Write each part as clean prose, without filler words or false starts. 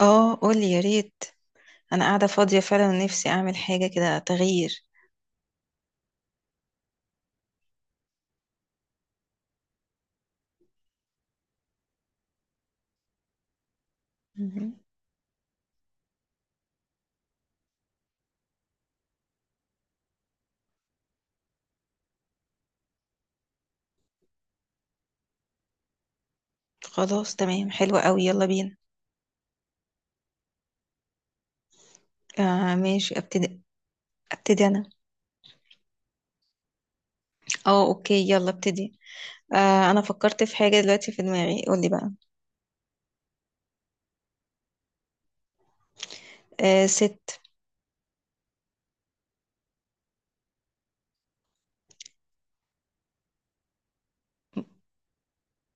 اه، قولي يا ريت. انا قاعده فاضيه فعلا، ونفسي اعمل حاجه كده، تغيير مهم. خلاص، تمام، حلوه قوي، يلا بينا. آه ماشي، ابتدي. ابتدي انا. اه، اوكي، يلا ابتدي. انا فكرت في حاجه دلوقتي في دماغي، قولي بقى. آه، ست.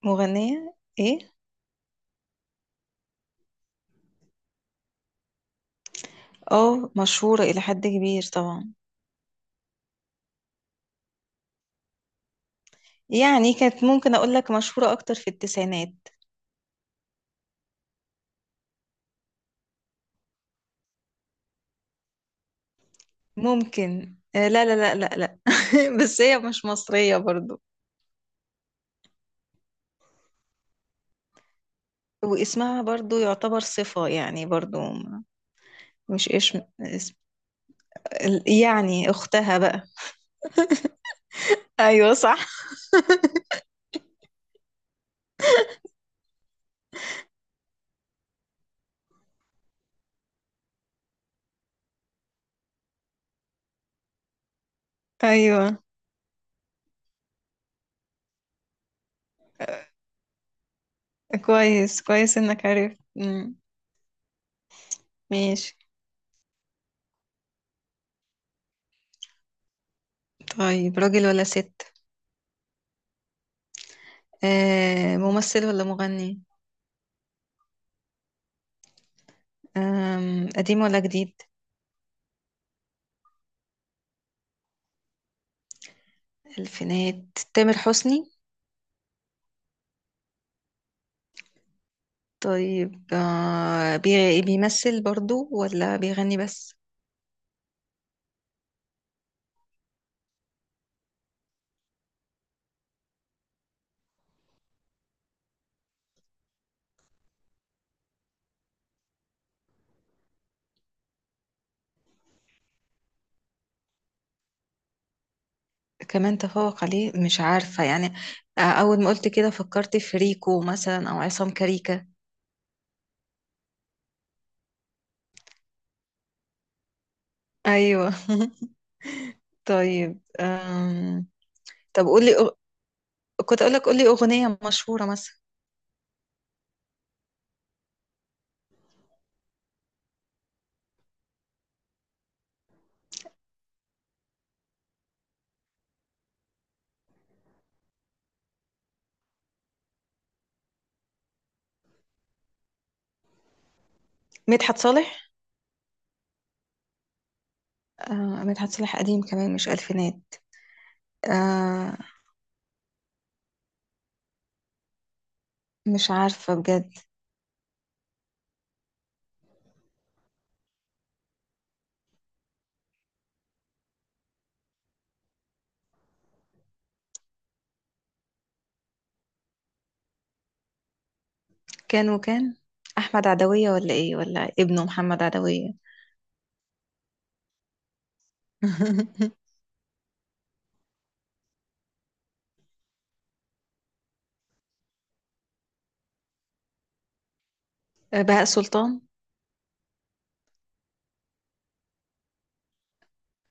مغنيه، ايه. اه، مشهوره الى حد كبير طبعا. يعني كانت ممكن اقول لك مشهوره اكتر في التسعينات. ممكن. لا لا لا لا لا. بس هي مش مصريه برضو. واسمها برضو يعتبر صفة يعني، برضو. مش اسم اسم. يعني اختها بقى. ايوه، صح. ايوه. كويس كويس انك عرفت. مم. ماشي. طيب، راجل ولا ست؟ آه، ممثل ولا مغني؟ قديم ولا جديد؟ الفينات. تامر حسني؟ طيب، بيمثل برضو ولا بيغني بس؟ كمان تفوق عليه، مش عارفة يعني. أول ما قلت كده فكرت في ريكو مثلا أو عصام كاريكا. أيوة. طيب. طب قولي. كنت اقول لك قولي اغنيه مشهوره مثلا. مدحت صالح؟ آه، مدحت صالح قديم كمان، مش الفينات. آه. مش عارفه بجد. كان وكان. احمد عدويه ولا ايه؟ ولا ابنه محمد عدويه؟ بهاء سلطان؟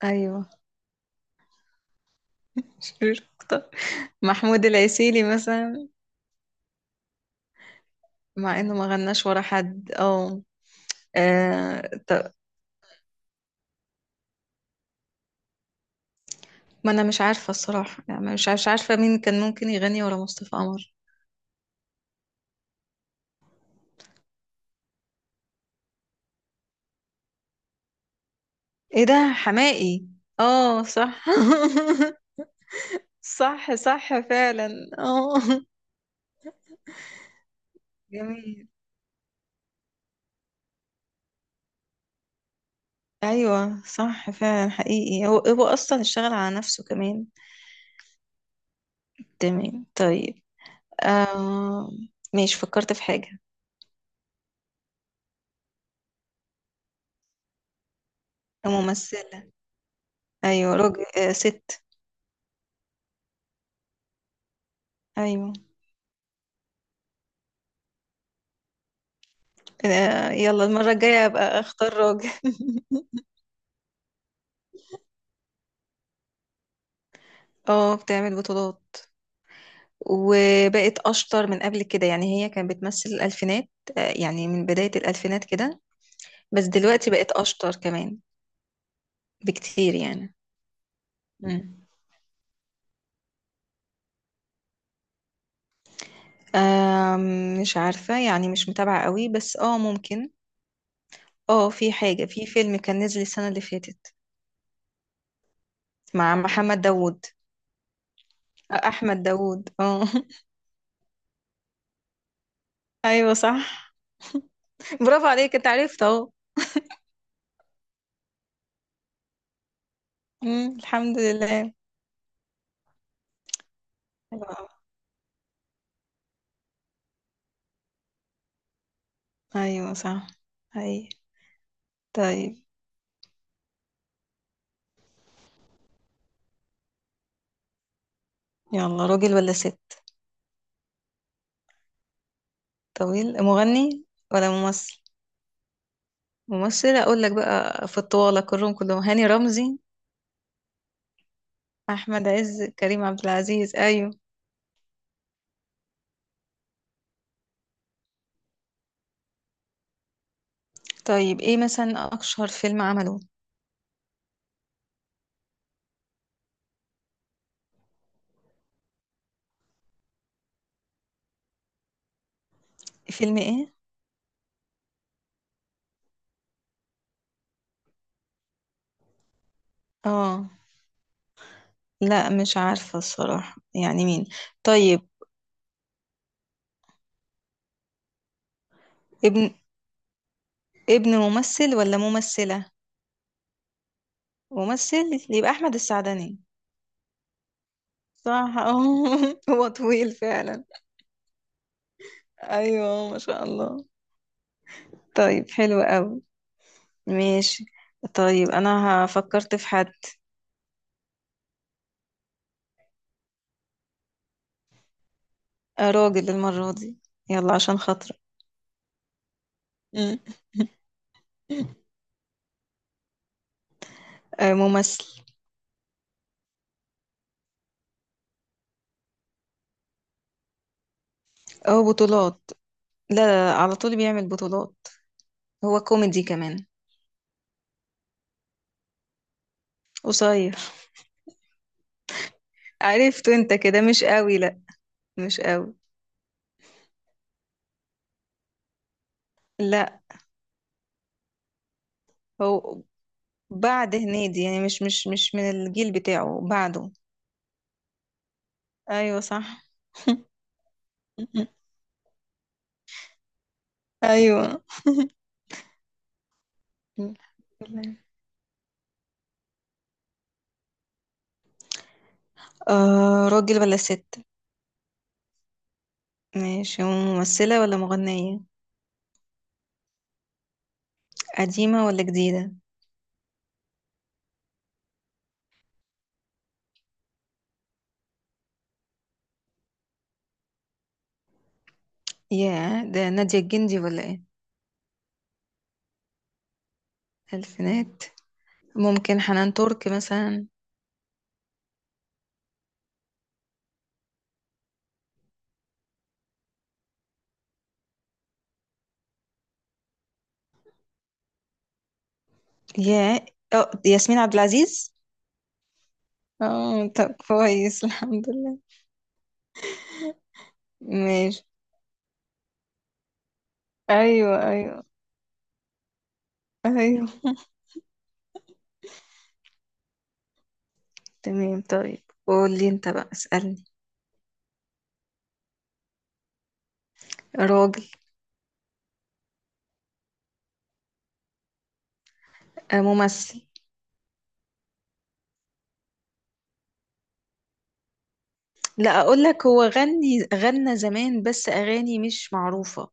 ايوه. شرير اكتر. محمود العسيلي مثلا؟ مع انه ما غناش ورا حد، اه. طب. ما انا مش عارفه الصراحه يعني، مش عارفه مين كان ممكن يغني ورا مصطفى قمر. ايه ده؟ حماقي؟ اه، صح. صح صح فعلا. اه. جميل. ايوه، صح فعلا، حقيقي، هو اصلا اشتغل على نفسه كمان. تمام، طيب. آه. ماشي، فكرت في حاجه. ممثله. ايوه، راجل، آه، ست. ايوه. يلا المره الجايه ابقى اختار راجل. اه، بتعمل بطولات. وبقت اشطر من قبل كده، يعني هي كانت بتمثل الالفينات. يعني من بدايه الالفينات كده. بس دلوقتي بقت اشطر كمان. بكتير يعني. مم. آم، مش عارفة يعني، مش متابعة قوي، بس اه ممكن. اه، في حاجة في فيلم كان نزل السنة اللي فاتت مع محمد داوود. أحمد داوود، اه. أيوة، صح. برافو عليك، انت عرفت اهو. مم، الحمد لله. حلو أوي. أيوة صح. أي. طيب. يلا، راجل ولا ست؟ طويل. مغني ولا ممثل؟ ممثل، أقول لك بقى في الطوالة كلهم كلهم: هاني رمزي، أحمد عز، كريم عبد العزيز، أيوة. طيب، ايه مثلا أشهر فيلم عمله؟ فيلم ايه؟ اه، لا، مش عارفة الصراحة يعني مين. طيب. ابن ابن ممثل ولا ممثلة؟ ممثل. يبقى أحمد السعدني. صح. اه. هو طويل فعلا. ايوه، ما شاء الله. طيب، حلو قوي. ماشي. طيب، انا فكرت في حد. راجل المرة دي. يلا عشان خاطرك. مم. ممثل. اه، بطولات. لا لا، لا، على طول بيعمل بطولات. هو كوميدي كمان. قصير. عرفته انت كده، مش قوي، لا. مش قوي. لا. هو بعد هنيدي يعني، مش من الجيل بتاعه، بعده. ايوه، صح. ايوه. راجل ولا ست؟ ماشي، ممثلة ولا مغنية؟ قديمة ولا جديدة؟ يا ده، نادية الجندي ولا ايه؟ الفينات. ممكن حنان ترك مثلا؟ يا. اه، ياسمين عبد العزيز. اه، طب كويس، الحمد لله. ماشي. ايوه، ايوه. ايوه. تمام، طيب، قول لي انت بقى، اسألني. راجل. ممثل. لا، اقول لك هو غني غنى زمان، بس اغاني مش معروفة.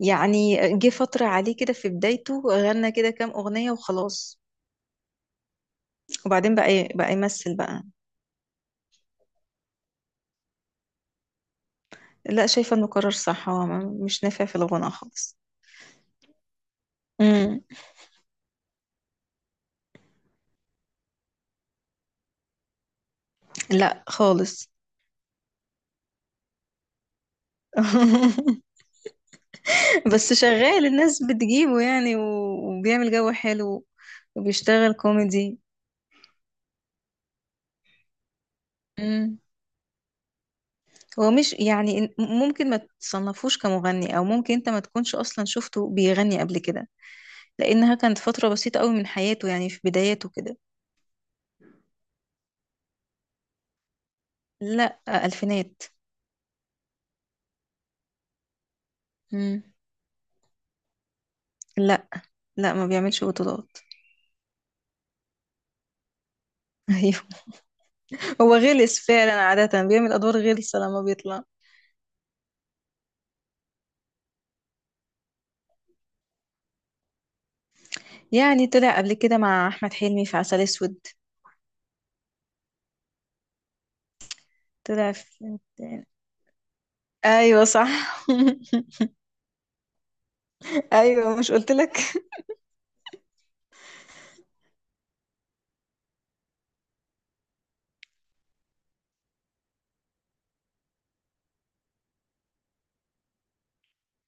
يعني جه فترة عليه كده في بدايته، غنى كده كام اغنية وخلاص. وبعدين بقى بقى يمثل بقى. لا، شايفة انه قرار صح، هو مش نافع في الغنى خالص. امم. لا خالص. بس شغال، الناس بتجيبه يعني، وبيعمل جو حلو. وبيشتغل كوميدي. هو مش يعني ممكن ما تصنفوش كمغني، او ممكن انت ما تكونش اصلا شفته بيغني قبل كده. لانها كانت فترة بسيطة قوي من حياته، يعني في بداياته كده. لا، الفينات. مم. لا، لا ما بيعملش بطولات. ايوه. هو غلس فعلا، عادة بيعمل ادوار غلسة لما بيطلع. يعني طلع قبل كده مع احمد حلمي في عسل اسود. طلع في. ايوه، صح. ايوه، مش قلت لك؟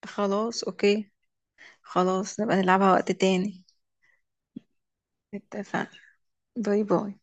خلاص، اوكي. خلاص، نبقى نلعبها وقت تاني. اتفقنا. باي باي.